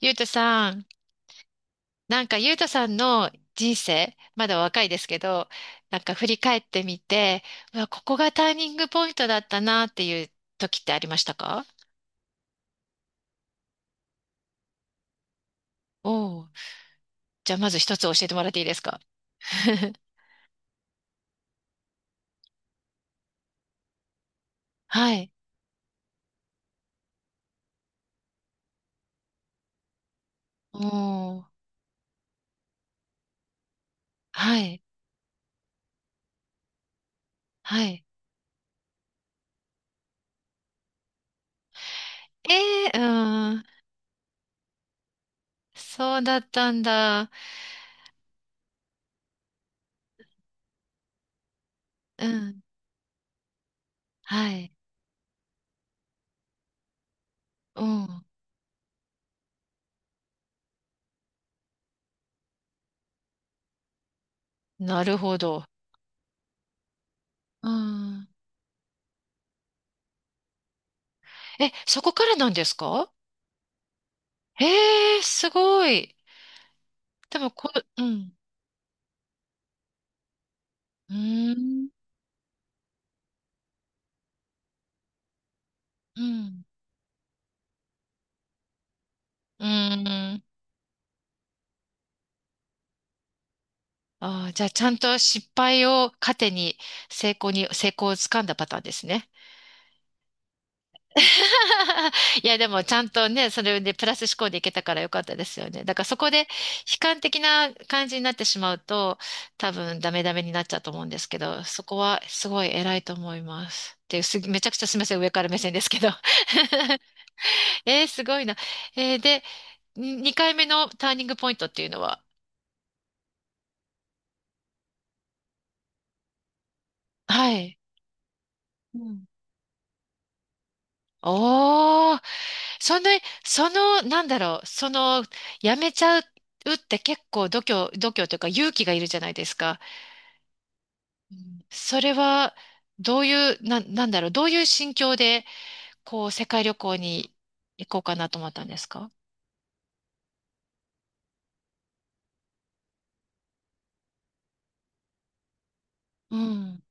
ゆうたさん、なんかゆうたさんの人生、まだ若いですけど、なんか振り返ってみて、うわ、ここがターニングポイントだったなっていう時ってありましたか？おおー、じゃあまず一つ教えてもらっていいですか？ はい。おお、はい、はい。ええー、うん、そうだったんだ。うん、はい、うん、なるほど。うん。え、そこからなんですか？ええー、すごい。でもうん。うーん。うん。うーん。ああ、じゃあ、ちゃんと失敗を糧に成功をつかんだパターンですね。いや、でも、ちゃんとね、それでプラス思考でいけたからよかったですよね。だから、そこで悲観的な感じになってしまうと、多分、ダメダメになっちゃうと思うんですけど、そこはすごい偉いと思います。っていう、めちゃくちゃすみません、上から目線ですけど。すごいな。で、2回目のターニングポイントっていうのは？はい。おー、その、なんだろう、その、やめちゃうって結構度胸、度胸というか勇気がいるじゃないですか。うん、それは、どういう、なんだろう、どういう心境で、こう、世界旅行に行こうかなと思ったんですか？うん、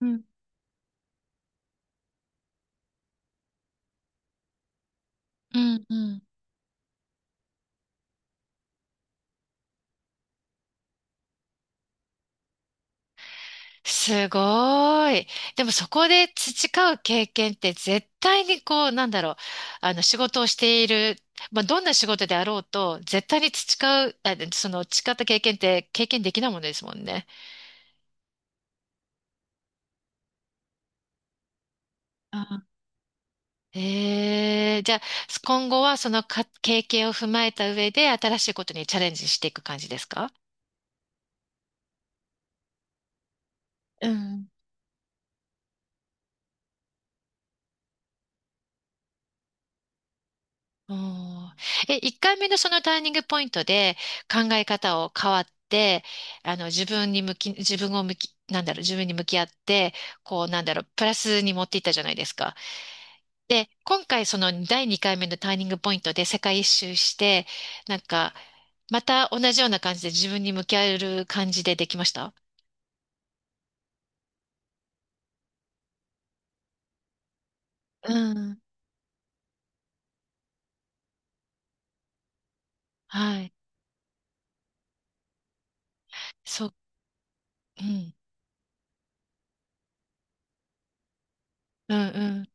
うんうん、うん。すごい。でもそこで培う経験って絶対にこう、なんだろう、あの仕事をしている、まあ、どんな仕事であろうと、絶対に培う、あ、その培った経験って経験できないものですもんね。あ、ええ、じゃあ、今後はそのか経験を踏まえた上で新しいことにチャレンジしていく感じですか？うん、おー、え、1回目のそのターニングポイントで考え方を変わって、あの、自分に向き、自分を向き、なんだろう、自分に向き合って、こう、なんだろう、プラスに持っていったじゃないですか。で、今回その第2回目のターニングポイントで世界一周して、なんか、また同じような感じで自分に向き合える感じでできました？うん。はい。そう、うんうん。うん、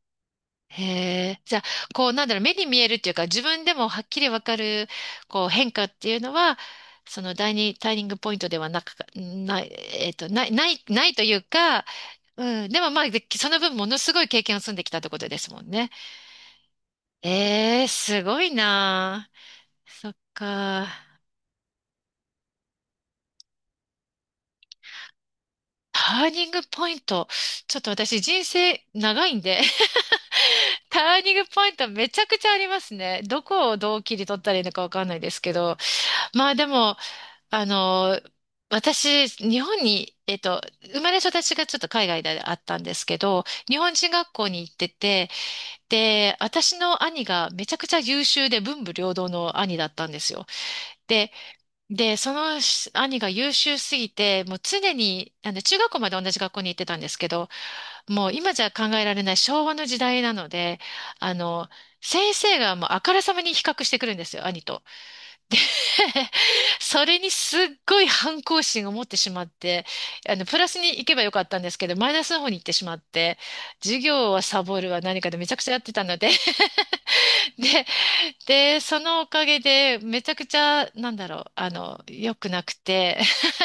へえ。じゃあ、こう、なんだろう、目に見えるっていうか、自分でもはっきりわかる、こう、変化っていうのは、その第二ターニングポイントではなく、ない、ない、ない、ないというか、うん、でもまあ、でその分ものすごい経験を積んできたってことですもんね。ええ、すごいなあ。そっか。ターニングポイント。ちょっと私人生長いんで、ターニングポイントめちゃくちゃありますね。どこをどう切り取ったらいいのかわかんないですけど。まあでも、あの、私、日本に、生まれ育ちがちょっと海外であったんですけど、日本人学校に行ってて、で、私の兄がめちゃくちゃ優秀で文武両道の兄だったんですよ。で、で、その兄が優秀すぎて、もう常に、あの、中学校まで同じ学校に行ってたんですけど、もう今じゃ考えられない昭和の時代なので、あの、先生がもうあからさまに比較してくるんですよ、兄と。それにすっごい反抗心を持ってしまって、あの、プラスに行けばよかったんですけど、マイナスの方に行ってしまって、授業はサボるは何かでめちゃくちゃやってたので、で、で、そのおかげで、めちゃくちゃ、なんだろう、あの、良くなくて、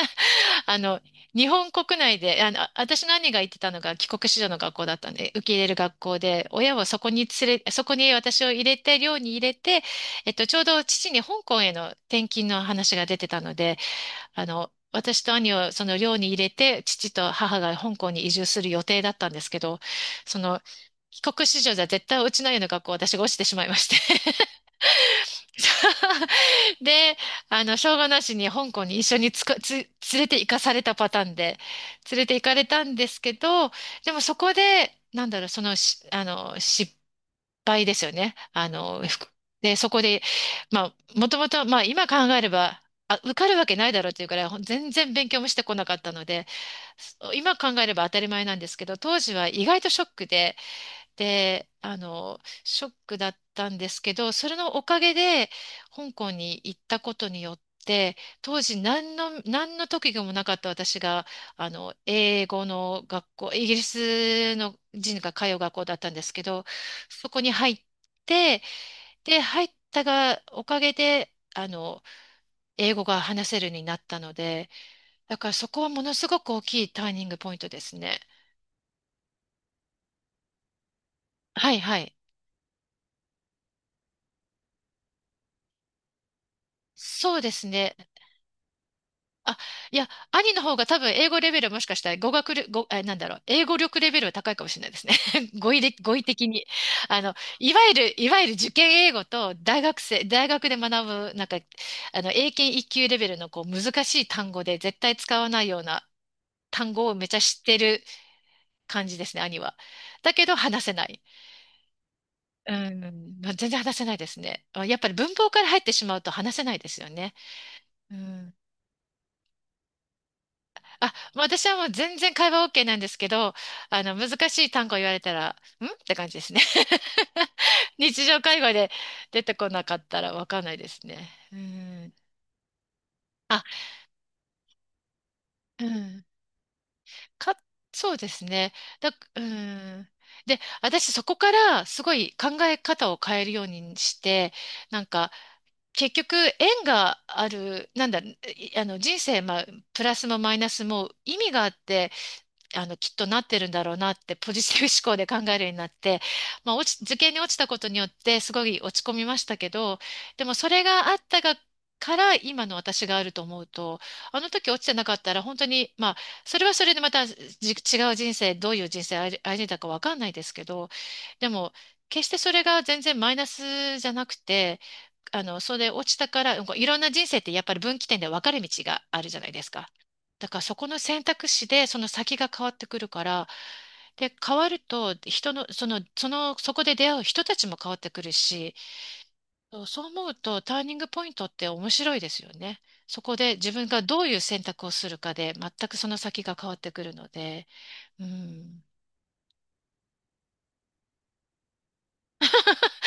あの、日本国内で、あの、私の兄が行ってたのが帰国子女の学校だったんで、受け入れる学校で、親をそこに連れ、そこに私を入れて、寮に入れて、ちょうど父に香港への転勤の話が出てたので、あの、私と兄をその寮に入れて、父と母が香港に移住する予定だったんですけど、その、帰国子女じゃ絶対落ちないような学校、私が落ちてしまいまして。で、あの、しょうがなしに香港に一緒につか、つ、連れて行かされたパターンで、連れて行かれたんですけど、でもそこで、なんだろう、そのし、あの、失敗ですよね。あの、ふくで、そこで、まあ、もともと、まあ、今考えれば、あ、受かるわけないだろうっていうから、全然勉強もしてこなかったので、今考えれば当たり前なんですけど、当時は意外とショックで、で、あの、ショックだったんですけど、それのおかげで、香港に行ったことによって、当時何の特技もなかった私が、あの、英語の学校、イギリスの人が通う学校だったんですけど、そこに入って、で、入ったが、おかげで、あの、英語が話せるようになったので、だからそこはものすごく大きいターニングポイントですね。はいはい。そうですね。あ、いや、兄の方が多分英語レベルはもしかしたら語学力、なんだろう、英語力レベルは高いかもしれないですね。語彙的に。あの、いわゆる受験英語と大学で学ぶ、なんか、あの、英検一級レベルのこう難しい単語で絶対使わないような単語をめちゃ知ってる感じですね、兄は。だけど話せない。うん、まあ全然話せないですね。あ、やっぱり文法から入ってしまうと話せないですよね。うん、あ、まあ私はもう全然会話 OK なんですけど、あの、難しい単語言われたら、んって感じですね。日常会話で出てこなかったらわかんないですね。うん。あ、うん。か、そうですね。だ、うん。で、私そこからすごい考え方を変えるようにして、なんか、結局縁がある、なんだ、いあの人生、まあ、プラスもマイナスも意味があって、あの、きっとなってるんだろうなって、ポジティブ思考で考えるようになって、まあ、受験に落ちたことによって、すごい落ち込みましたけど、でもそれがあったが、から今の私があると思うと、あの時落ちてなかったら本当に、まあ、それはそれでまた違う人生、どういう人生歩んでたかわかんないですけど、でも、決してそれが全然マイナスじゃなくて、あの、それ落ちたから、こういろんな人生ってやっぱり分岐点で分かれ道があるじゃないですか。だからそこの選択肢でその先が変わってくるから、で、変わると人の、そこで出会う人たちも変わってくるし、そうそう思うとターニングポイントって面白いですよね。そこで自分がどういう選択をするかで全くその先が変わってくるので、うん、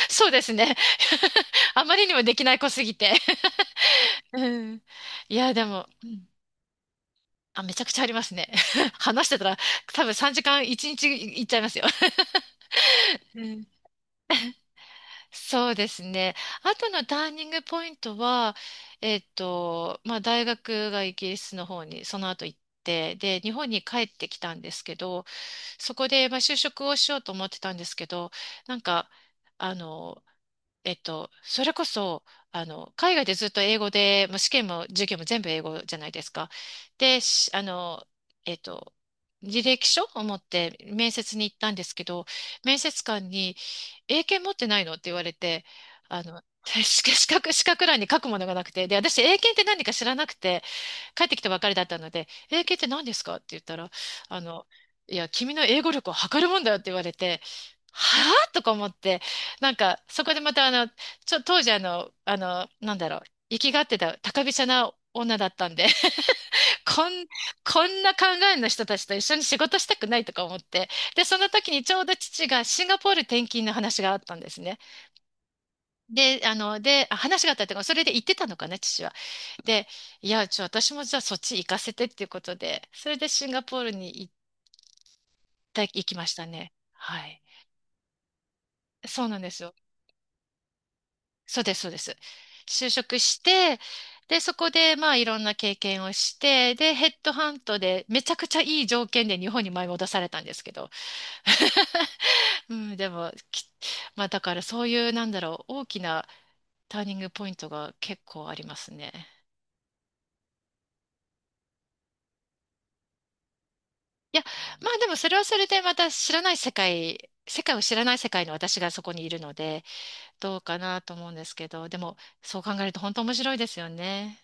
そうですね。あまりにもできない子すぎて。うん、いや、でも。うん、あ、めちゃくちゃありますね。話してたら多分3時間1日いちにちいっちゃいますよ。うん、そうですね。あとのターニングポイントは、まあ大学がイギリスの方にその後行って、で、日本に帰ってきたんですけど、そこでまあ就職をしようと思ってたんですけど、なんか、あの、それこそ、あの、海外でずっと英語で、もう試験も授業も全部英語じゃないですか。で、しあの、えっと、履歴書を持って面接に行ったんですけど、面接官に、英検持ってないのって言われて、あの、資格欄に書くものがなくて、で、私、英検って何か知らなくて、帰ってきたばかりだったので、英検って何ですかって言ったら、あの、いや、君の英語力を測るもんだよって言われて、はぁとか思って、なんか、そこでまた当時あの、なんだろう、行きがってた高飛車な女だったんで、こん、こんな考えの人たちと一緒に仕事したくないとか思って、で、その時にちょうど父がシンガポール転勤の話があったんですね。で、あの、で、あ話があったっていうか、それで行ってたのかな、父は。で、いや、私もじゃあそっち行かせてっていうことで、それでシンガポールに行きましたね。はい。そうなんですよ。そうです、そうです。就職して、で、そこで、まあ、いろんな経験をして、で、ヘッドハントで、めちゃくちゃいい条件で日本に舞い戻されたんですけど。うん、でも、まあ、だからそういう、なんだろう、大きなターニングポイントが結構ありますね。いや、まあでもそれはそれでまた知らない世界、世界を知らない世界の私がそこにいるので、どうかなと思うんですけど、でもそう考えると本当面白いですよね。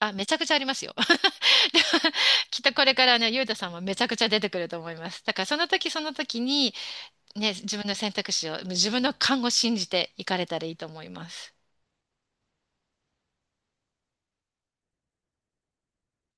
あ、めちゃくちゃありますよ。で、きっとこれからね、ゆうたさんもめちゃくちゃ出てくると思います。だからその時その時に、ね、自分の勘を信じていかれたらいいと思います。